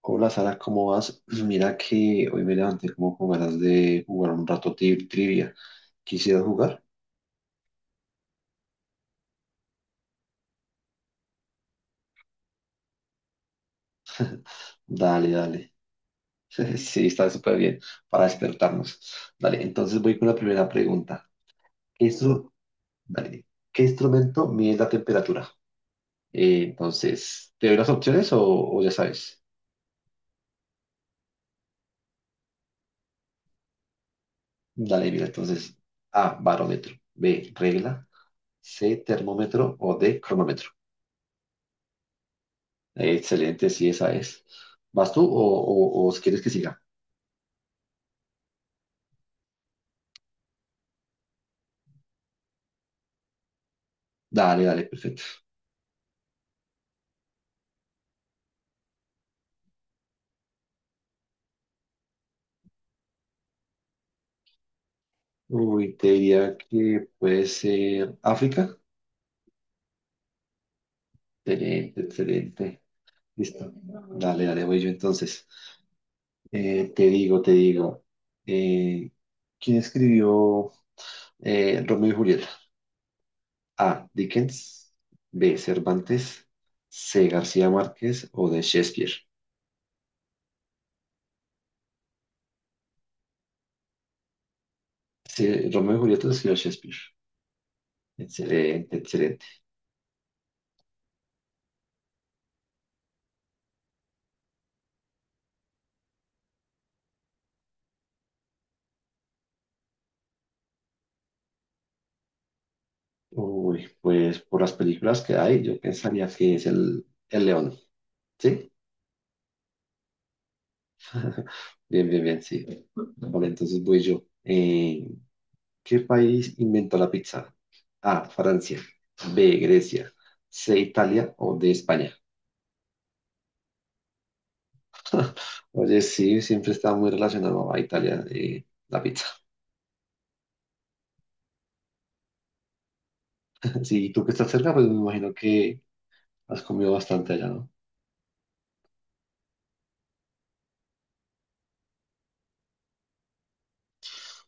Hola Sara, ¿cómo vas? Pues mira que hoy me levanté como con ganas de jugar un rato trivia. ¿Quisieras jugar? Dale, dale. Sí, está súper bien para despertarnos. Dale, entonces voy con la primera pregunta. ¿Qué, instru- Dale. ¿Qué instrumento mide la temperatura? Entonces, ¿te doy las opciones o ya sabes? Dale, mira, entonces, A, barómetro, B, regla, C, termómetro o D, cronómetro. Excelente, sí, esa es. ¿Vas tú o si quieres que siga? Dale, dale, perfecto. Uy, te diría que puede ser África. Excelente, excelente. Listo. Dale, dale, voy yo entonces. Te digo, te digo. eh, ¿Quién escribió Romeo y Julieta? A. Dickens. B. Cervantes. C. García Márquez o de Shakespeare. Sí, Romeo y Julieta lo escribió Shakespeare. Excelente, excelente. Uy, pues por las películas que hay, yo pensaría que es el León. ¿Sí? Bien, bien, bien, sí. Vale, entonces voy yo. ¿Qué país inventó la pizza? A, Francia. B, Grecia. C, Italia o D, España. Oye, sí, siempre está muy relacionado a Italia, la pizza. Sí, y tú que estás cerca, pues me imagino que has comido bastante allá, ¿no?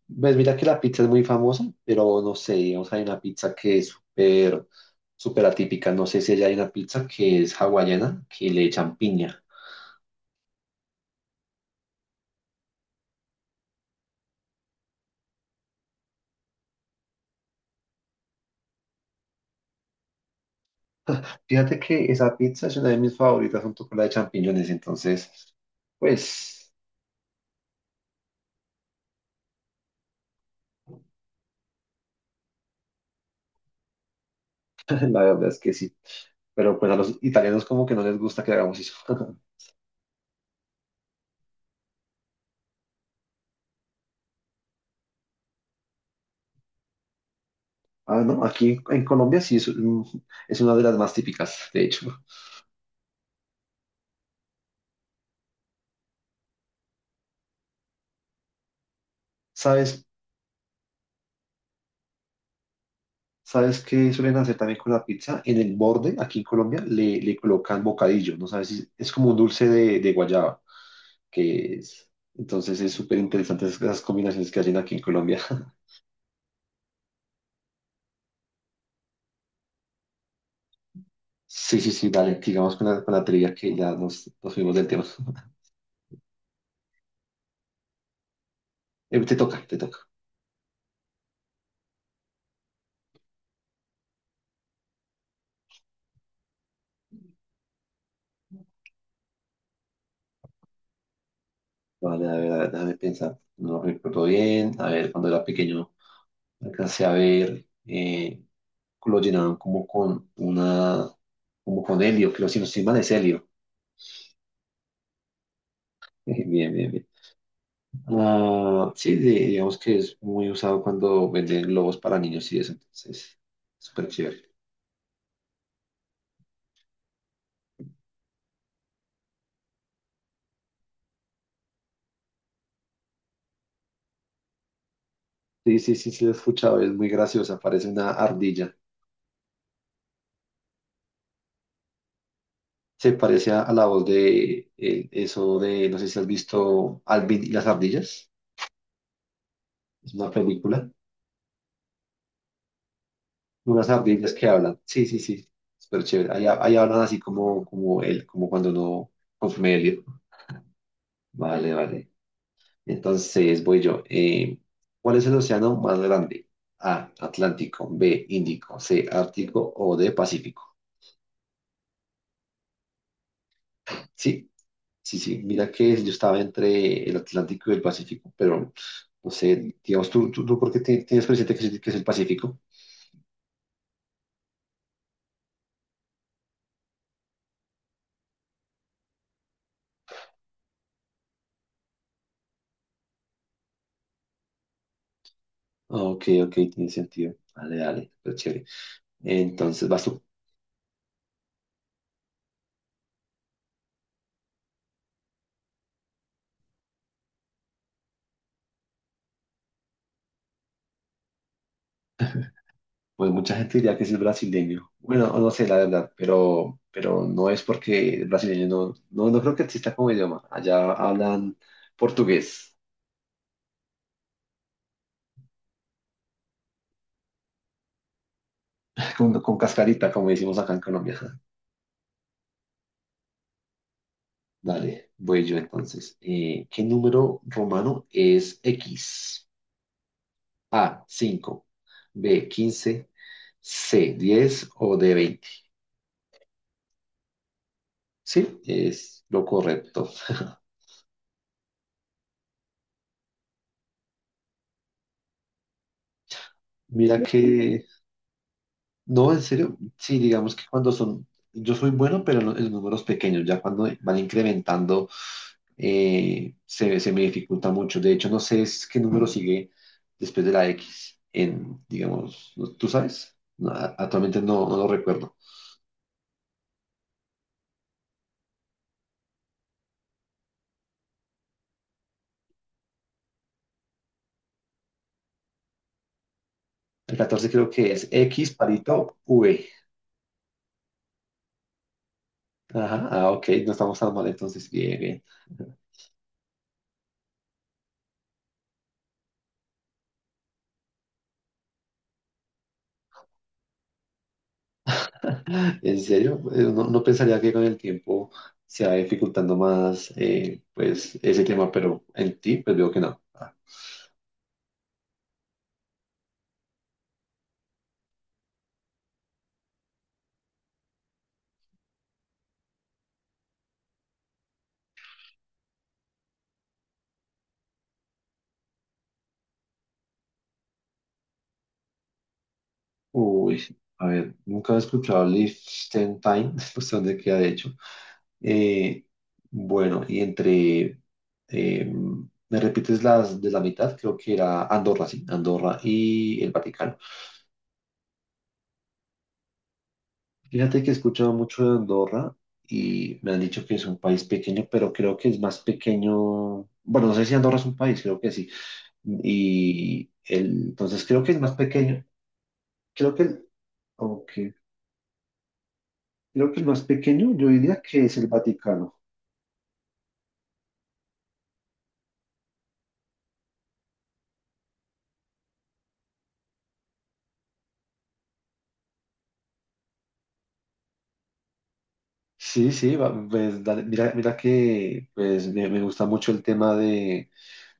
Ves, mira que la pizza es muy famosa, pero no sé, digamos, hay una pizza que es súper, súper atípica. No sé si allá hay una pizza que es hawaiana, que le echan piña. Fíjate que esa pizza es una de mis favoritas junto con la de champiñones, entonces, pues, la verdad es que sí. Pero pues a los italianos como que no les gusta que hagamos eso. Ah, no, aquí en Colombia sí es, es una de las más típicas, de hecho. ¿Sabes, sabes qué suelen hacer también con la pizza? En el borde, aquí en Colombia, le colocan bocadillo, ¿no sabes? Es como un dulce de guayaba, que es. Entonces es súper interesante esas combinaciones que hacen aquí en Colombia. Sí, sí, sí, vale. Digamos con la trivia que ya nos fuimos del tema. Te toca, te toca. Vale, a ver, déjame pensar. No lo recuerdo bien. A ver, cuando era pequeño alcancé a ver lo llenaban como con helio, creo si no estoy mal es helio. Bien, bien, bien. Ah, sí, digamos que es muy usado cuando venden globos para niños y eso, entonces, súper chévere. Sí, sí, sí, sí, lo he escuchado, es muy graciosa, parece una ardilla. Se parece a la voz de eso de, no sé si has visto Alvin y las ardillas. Es una película. Unas ardillas que hablan. Sí, sí, sí. Súper chévere. Ahí hablan así como él, como cuando no consume helio. Vale, vale. Entonces voy yo. ¿Cuál es el océano más grande? A, Atlántico, B, Índico, C, Ártico o D, Pacífico. Sí, sí, sí, mira que yo estaba entre el Atlántico y el Pacífico, pero no sé, digamos, ¿tú por qué tienes presente que es el Pacífico? Ah, ok, ok, tiene sentido. Dale, dale, pero chévere. Entonces, vas tú. Pues mucha gente diría que sí es brasileño. Bueno, no sé, la verdad, pero no es porque el brasileño no, no, no creo que exista como idioma. Allá hablan portugués, con cascarita, como decimos acá en Colombia. Dale, voy yo entonces. ¿Qué número romano es X? A, 5, B, 15, C, 10 o D, 20. Sí, es lo correcto. Mira que, no, en serio, sí, digamos que cuando son, yo soy bueno, pero en en números pequeños, ya cuando van incrementando, se me dificulta mucho. De hecho, no sé es qué número sigue después de la X en, digamos, ¿tú sabes? No, actualmente no lo recuerdo. El 14 creo que es X parito V. Ajá, ah, ok, no estamos tan mal entonces, bien, bien. En serio, no pensaría que con el tiempo se va dificultando más pues ese tema, pero en ti pues veo que no. Ah. Uy, a ver, nunca he escuchado Liechtenstein, no sé dónde queda de hecho. Eh, bueno, eh, ¿me repites las de la mitad? Creo que era Andorra, sí, Andorra y el Vaticano. Fíjate que he escuchado mucho de Andorra y me han dicho que es un país pequeño, pero creo que es más pequeño. Bueno, no sé si Andorra es un país, creo que sí. Entonces creo que es más pequeño. Creo que el, ok, Creo que el más pequeño, yo diría que es el Vaticano. Sí, sí, pues, dale, mira, mira que pues, me gusta mucho el tema de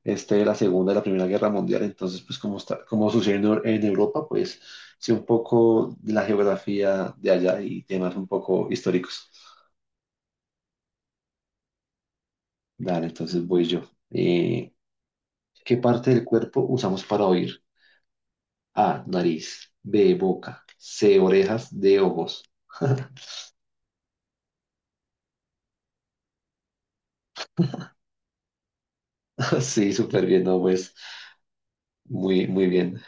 este, de la Segunda y la Primera Guerra Mundial. Entonces, pues como sucede en, en Europa, pues sé un poco de la geografía de allá y temas un poco históricos. Dale, entonces voy yo. Eh, ¿qué parte del cuerpo usamos para oír? A, nariz, B, boca, C, orejas, D, ojos. Sí, súper bien, ¿no? Pues muy, muy bien.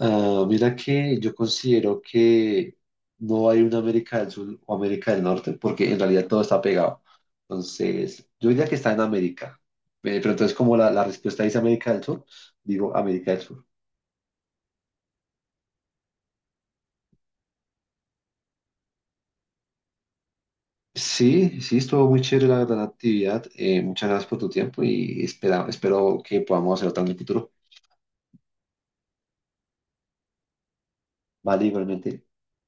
Ah, mira que yo considero que no hay una América del Sur o América del Norte, porque en realidad todo está pegado. Entonces, yo diría que está en América. Pero entonces, como la respuesta dice América del Sur, digo América del Sur. Sí, sí, estuvo muy chévere la gran actividad. Muchas gracias por tu tiempo y espero que podamos hacer otra en el futuro. Vale, igualmente.